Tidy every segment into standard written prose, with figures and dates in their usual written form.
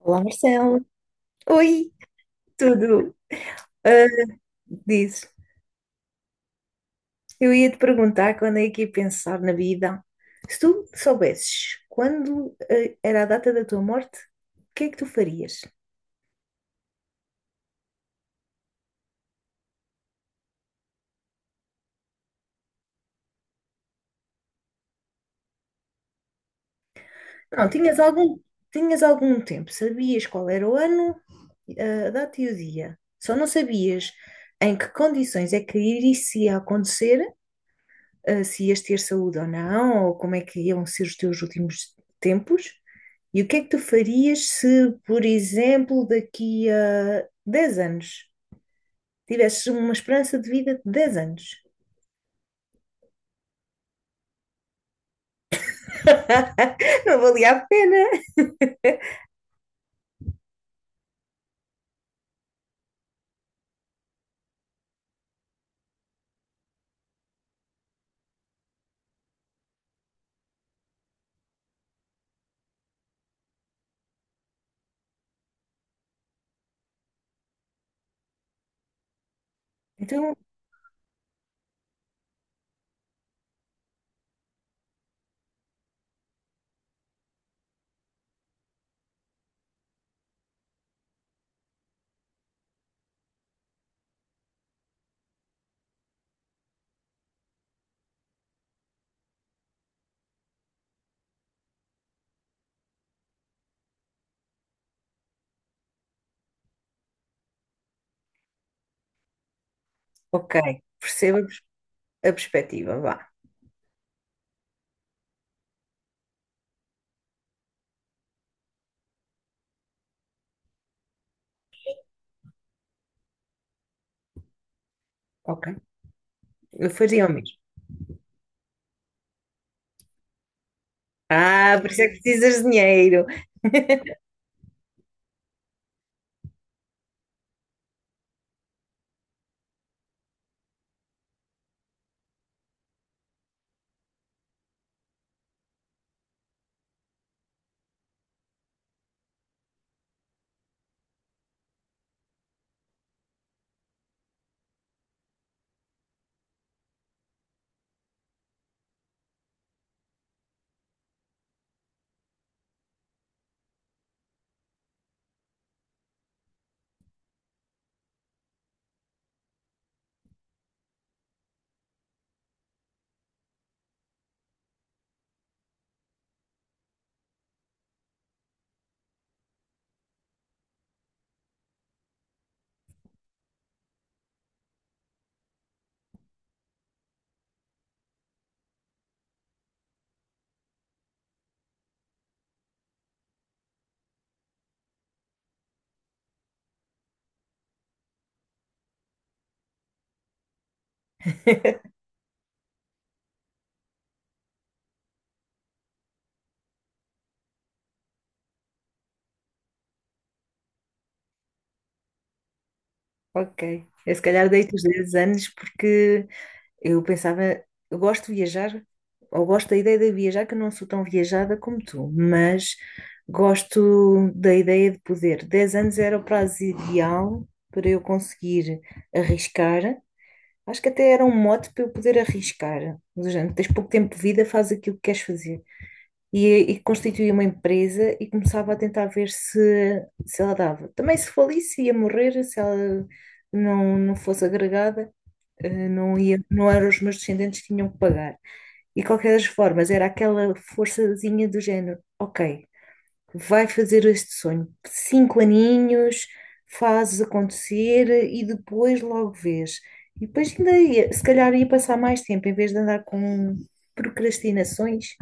Olá, Marcelo. Oi, tudo? Ah, dizes, eu ia te perguntar quando é que ia pensar na vida. Se tu soubesses quando era a data da tua morte, o que é que tu farias? Não, tinhas algum tempo, sabias qual era o ano, a data e o dia. Só não sabias em que condições é que iria acontecer, se ias ter saúde ou não, ou como é que iam ser os teus últimos tempos. E o que é que tu farias se, por exemplo, daqui a 10 anos tivesses uma esperança de vida de 10 anos? Não valia a pena. Então, ok, perceba a pers- a perspectiva, vá. Ok, eu faria o mesmo. Ah, por isso é que precisas de dinheiro. Ok, eu se calhar deito os 10 anos porque eu pensava, eu gosto de viajar, ou gosto da ideia de viajar, que eu não sou tão viajada como tu, mas gosto da ideia de poder. 10 anos era o prazo ideal para eu conseguir arriscar. Acho que até era um mote para eu poder arriscar. Do género, tens pouco tempo de vida, faz aquilo que queres fazer. E constituí uma empresa e começava a tentar ver se ela dava. Também se falisse, ia morrer, se ela não fosse agregada não ia, não eram os meus descendentes que tinham que pagar. E de qualquer das formas, era aquela forçazinha do género, ok, vai fazer este sonho, cinco aninhos, fazes acontecer e depois logo vês. E depois ainda ia, se calhar ia passar mais tempo, em vez de andar com procrastinações,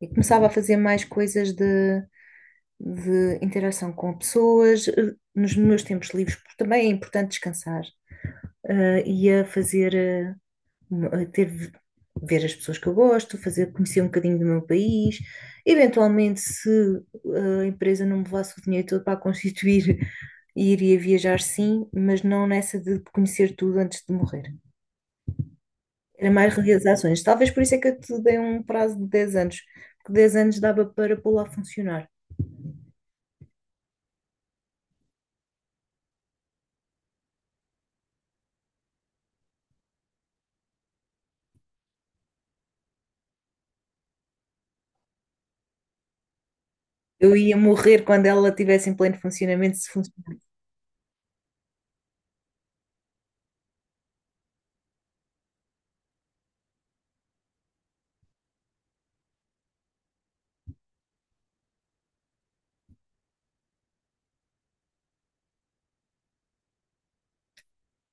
e começava a fazer mais coisas de interação com pessoas, nos meus tempos livres, porque também é importante descansar, eh, ia fazer eh, ter, ver as pessoas que eu gosto, fazer, conhecer um bocadinho do meu país. Eventualmente, se a empresa não me levasse o dinheiro todo para a constituir, iria viajar sim, mas não nessa de conhecer tudo antes de morrer. Era mais realizações. Talvez por isso é que eu te dei um prazo de 10 anos, porque 10 anos dava para pô-la a funcionar. Eu ia morrer quando ela estivesse em pleno funcionamento, se funcionasse.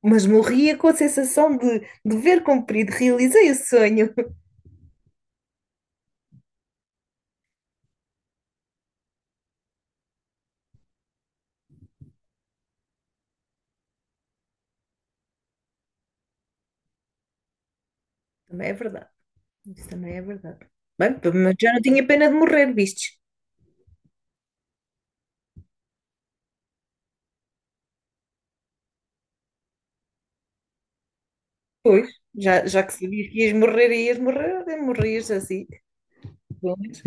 Mas morria com a sensação de dever cumprido, realizei o sonho. Também é verdade. Isso também é verdade. Bem, pelo menos já não tinha pena de morrer, vistes? Pois, já que sabias que ias morrer e ias morrer, olha, morrias assim. Pelo menos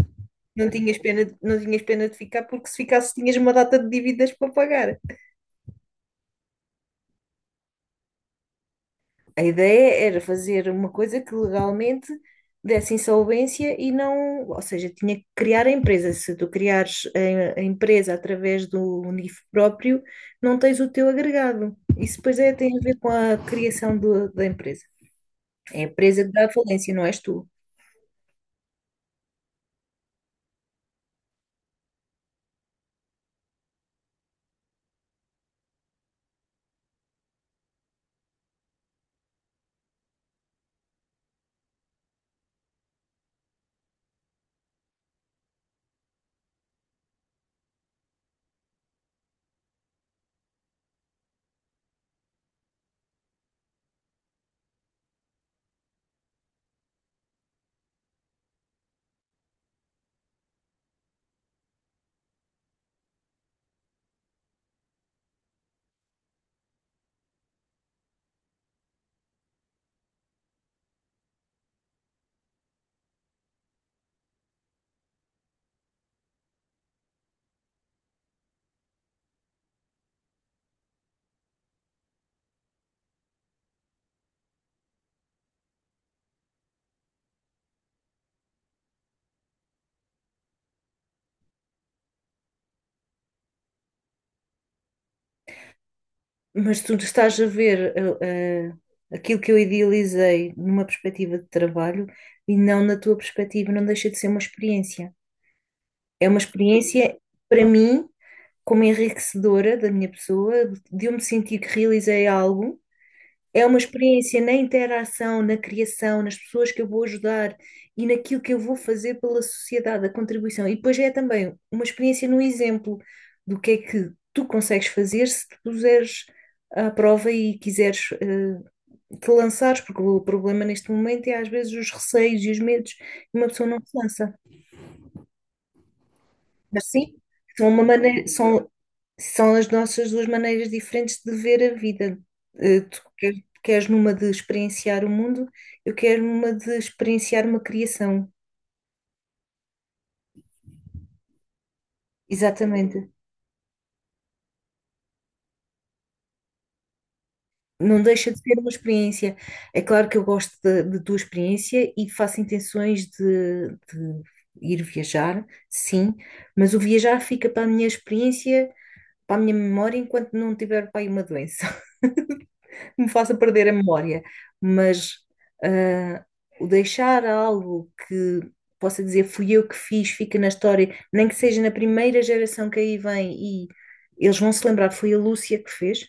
não tinhas pena, não tinhas pena de ficar, porque se ficasses tinhas uma data de dívidas para pagar. A ideia era fazer uma coisa que legalmente desse insolvência e não, ou seja, tinha que criar a empresa. Se tu criares a empresa através do NIF próprio, não tens o teu agregado. Isso depois é, tem a ver com a criação da empresa. É a presa da falência, não és tu. Mas tu estás a ver eh, eh, aquilo que eu idealizei numa perspectiva de trabalho e não na tua perspectiva, não deixa de ser uma experiência. É uma experiência, para mim, como enriquecedora da minha pessoa, de eu me sentir que realizei algo. É uma experiência na interação, na criação, nas pessoas que eu vou ajudar e naquilo que eu vou fazer pela sociedade, a contribuição. E depois é também uma experiência no exemplo do que é que tu consegues fazer se te puseres à prova e quiseres te lançares, porque o problema neste momento é às vezes os receios e os medos, e uma pessoa não se lança. Assim, são uma maneira, são, são as nossas duas maneiras diferentes de ver a vida. Eh, Tu quer- queres numa de experienciar o mundo, eu quero uma de experienciar uma criação. Exatamente. Não deixa de ser uma experiência. É claro que eu gosto da tua experiência e faço intenções de ir viajar, sim, mas o viajar fica para a minha experiência, para a minha memória, enquanto não tiver para aí uma doença que me faça perder a memória, mas ah, o deixar algo que possa dizer fui eu que fiz, fica na história, nem que seja na primeira geração que aí vem e eles vão se lembrar, foi a Lúcia que fez.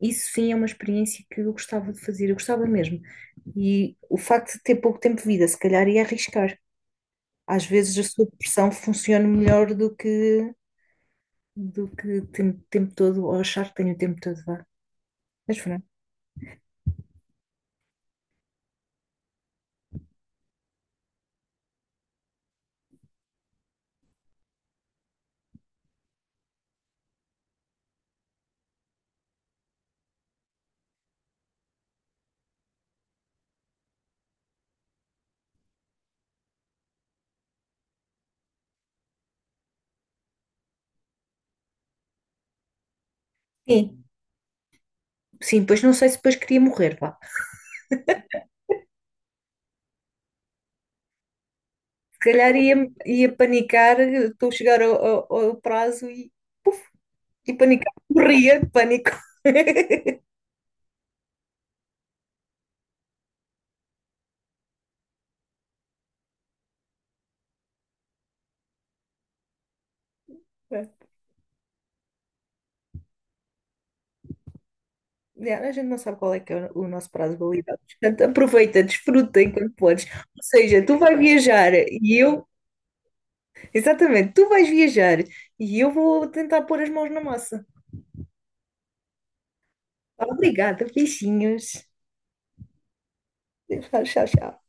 Isso sim é uma experiência que eu gostava de fazer, eu gostava mesmo. E o facto de ter pouco tempo de vida, se calhar ia arriscar. Às vezes a sua pressão funciona melhor do que ter o tempo todo, ou achar que tenho o tempo todo, vá. Mas pronto. Sim, sim, pois não sei se depois queria morrer, vá. Se calhar ia panicar, estou a chegar ao, ao prazo e panicar. Morria de pânico. Yeah, a gente não sabe qual é que é o nosso prazo de validade. Portanto, aproveita, desfruta enquanto podes. Ou seja, tu vais viajar e eu. Exatamente, tu vais viajar e eu vou tentar pôr as mãos na massa. Obrigada, beijinhos. Tchau, tchau, tchau.